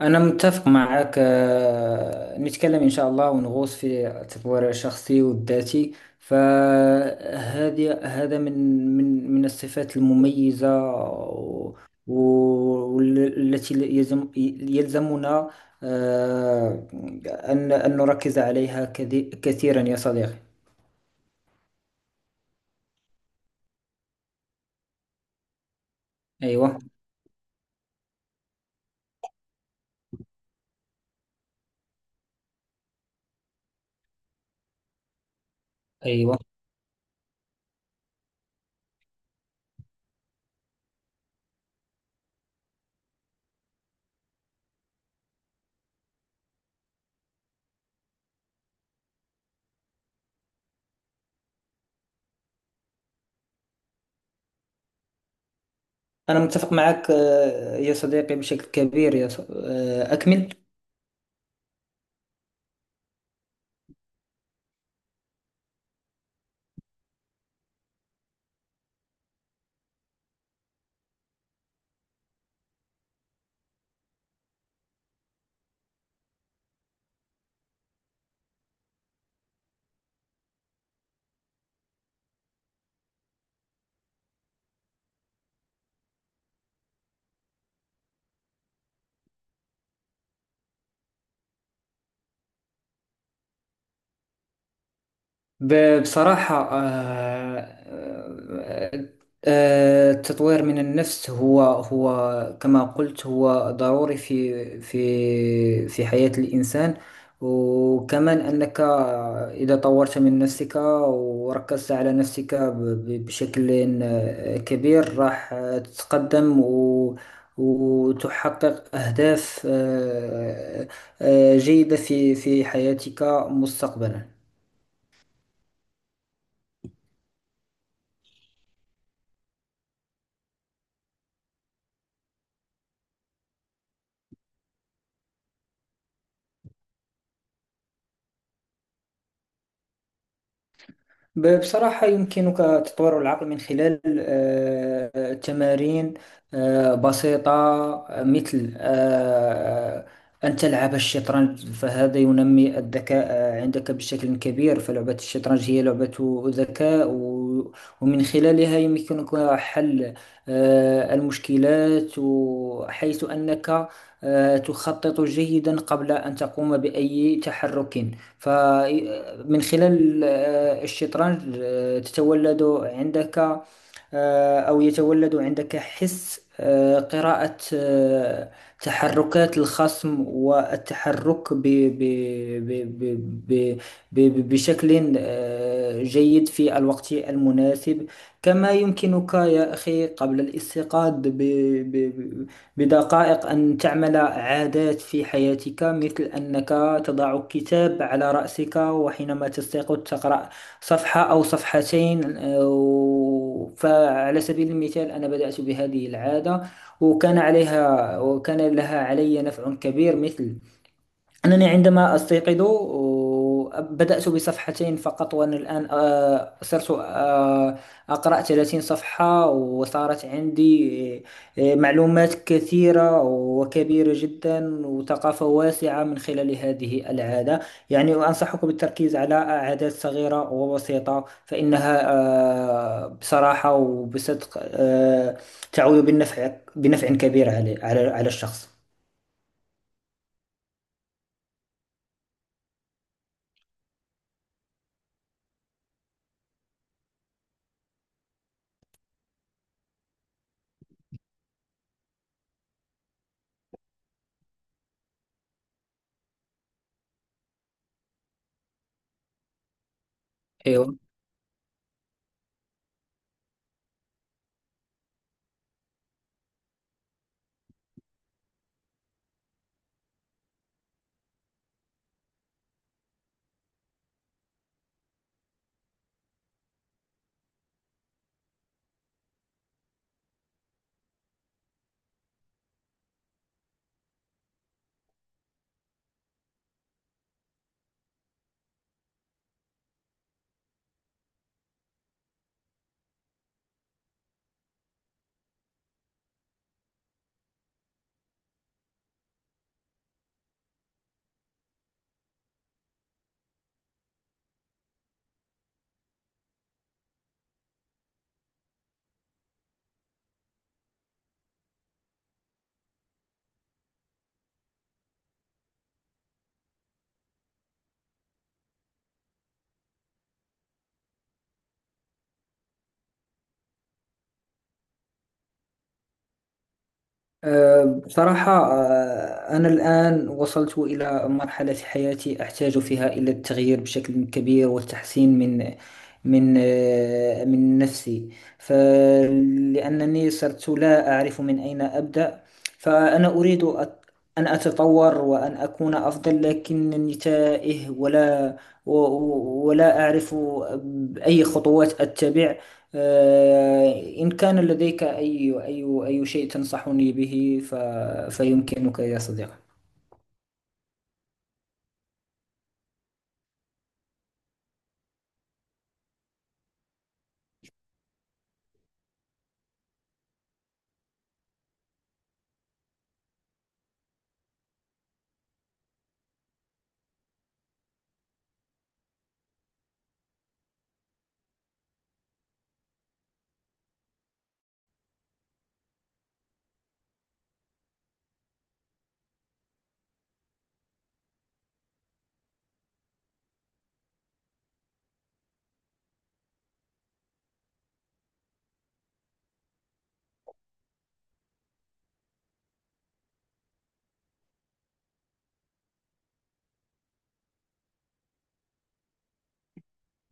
أنا متفق معك نتكلم إن شاء الله ونغوص في التطوير الشخصي والذاتي. فهذه هذا من الصفات المميزة والتي يلزمنا آه، أن نركز عليها كثيرا يا صديقي. أيوة. أيوة، أنا متفق معك يا صديقي بشكل كبير، يا ص- آه، أكمل. بصراحة، التطوير من النفس هو كما قلت، هو ضروري في حياة الإنسان. وكمان أنك إذا طورت من نفسك وركزت على نفسك بشكل كبير، راح تتقدم و وتحقق أهداف جيدة في حياتك مستقبلا. بصراحة، يمكنك تطوير العقل من خلال تمارين بسيطة، مثل أن تلعب الشطرنج، فهذا ينمي الذكاء عندك بشكل كبير. فلعبة الشطرنج هي لعبة ذكاء، ومن خلالها يمكنك حل المشكلات، حيث أنك تخطط جيدا قبل أن تقوم بأي تحرك. فمن خلال الشطرنج تتولد عندك، أو يتولد عندك حس قراءة تحركات الخصم، والتحرك ب ب ب بشكل جيد في الوقت المناسب. كما يمكنك يا أخي قبل الاستيقاظ ب- بدقائق أن تعمل عادات في حياتك، مثل أنك تضع كتاب على رأسك، وحينما تستيقظ تقرأ صفحة أو صفحتين. فعلى سبيل المثال، أنا بدأت بهذه العادة، وكان عليها، وكان لها علي نفع كبير. مثل أنني عندما أستيقظ بدأت بصفحتين فقط، وأنا الآن صرت أقرأ 30 صفحة، وصارت عندي معلومات كثيرة وكبيرة جدا وثقافة واسعة من خلال هذه العادة. يعني أنصحك بالتركيز على عادات صغيرة وبسيطة، فإنها بصراحة وبصدق تعود بالنفع، بنفع كبير على على الشخص. بصراحة، أنا الآن وصلت إلى مرحلة في حياتي أحتاج فيها إلى التغيير بشكل كبير والتحسين من نفسي، فلأنني صرت لا أعرف من أين أبدأ. فأنا أريد أن أتطور وأن أكون أفضل، لكنني تائه، ولا أعرف أي خطوات أتبع. إن كان لديك أي شيء تنصحني به فيمكنك يا صديقي.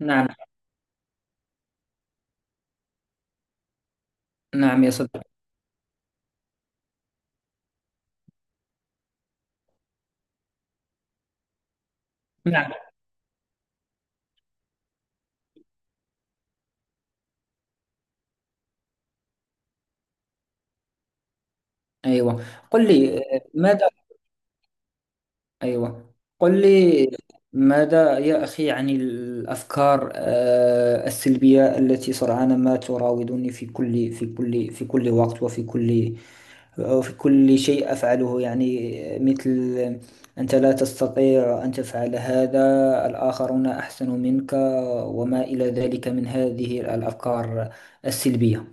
نعم. نعم يا صديقي. نعم. أيوة، قل لي ماذا. أيوة، قل لي ماذا يا أخي عن الأفكار السلبية التي سرعان ما تراودني في كل وقت، وفي كل شيء أفعله، يعني مثل: أنت لا تستطيع أن تفعل هذا، الآخرون أحسن منك، وما إلى ذلك من هذه الأفكار السلبية.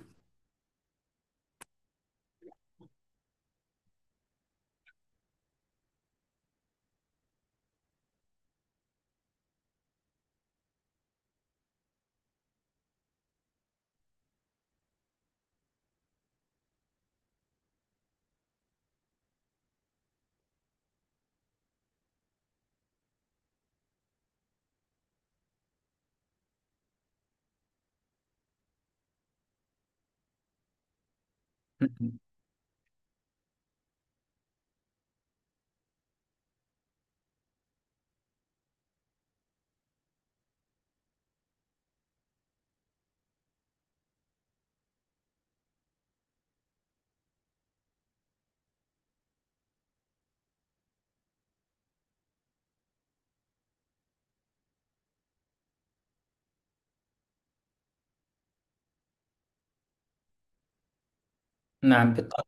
نعم بالطبع،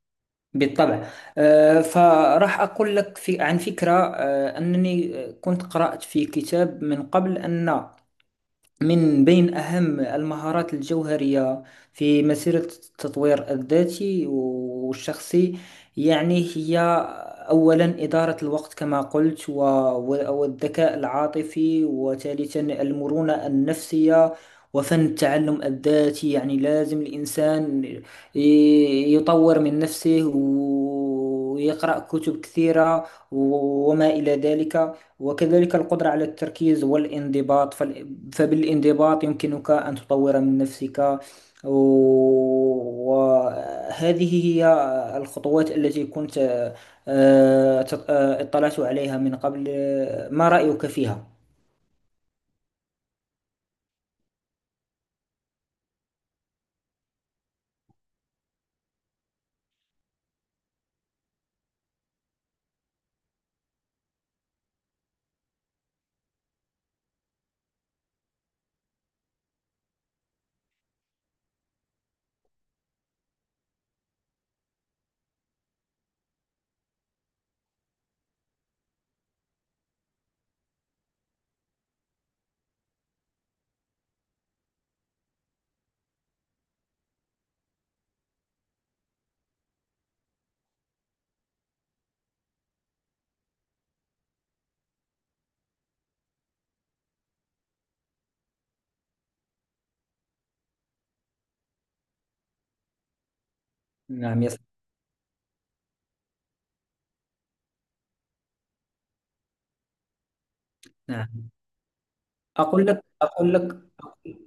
بالطبع. فراح أقول لك في عن فكرة، أنني كنت قرأت في كتاب من قبل أن من بين أهم المهارات الجوهرية في مسيرة التطوير الذاتي والشخصي، يعني، هي أولا إدارة الوقت كما قلت، والذكاء العاطفي، وثالثا المرونة النفسية وفن التعلم الذاتي. يعني لازم الإنسان يطور من نفسه ويقرأ كتب كثيرة وما إلى ذلك. وكذلك القدرة على التركيز والانضباط، فبالانضباط يمكنك أن تطور من نفسك. وهذه هي الخطوات التي كنت اطلعت عليها من قبل. ما رأيك فيها؟ نعم يا صاحبي. نعم. أقول لك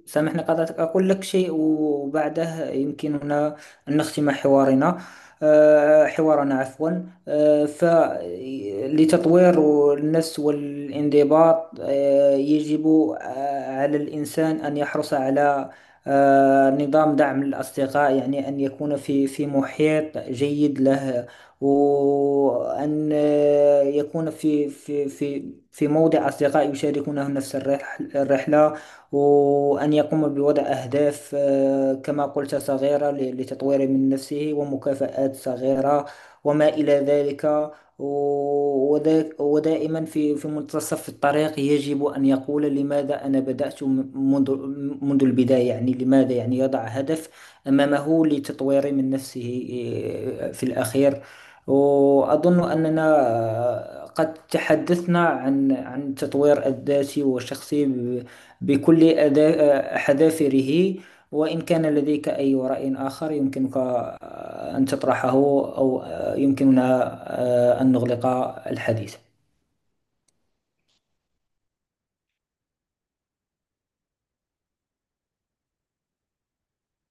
سامحني قطعتك، أقول لك شيء وبعده يمكننا أن نختم حوارنا، حوارنا، عفوا. فلتطوير النفس والانضباط يجب على الإنسان أن يحرص على نظام دعم الأصدقاء، يعني أن يكون في محيط جيد له، وأن يكون في موضع أصدقاء يشاركونه نفس الرحلة، وأن يقوم بوضع أهداف كما قلت صغيرة لتطوير من نفسه، ومكافآت صغيرة وما إلى ذلك. و- ودا- ودائما في في منتصف الطريق يجب أن يقول لماذا أنا بدأت منذ البداية. يعني لماذا، يعني يضع هدف أمامه لتطوير من نفسه. في الأخير، وأظن أننا قد تحدثنا عن التطوير الذاتي والشخصي بكل حذافره، وإن كان لديك أي رأي آخر يمكنك أن تطرحه، أو يمكننا أن نغلق الحديث.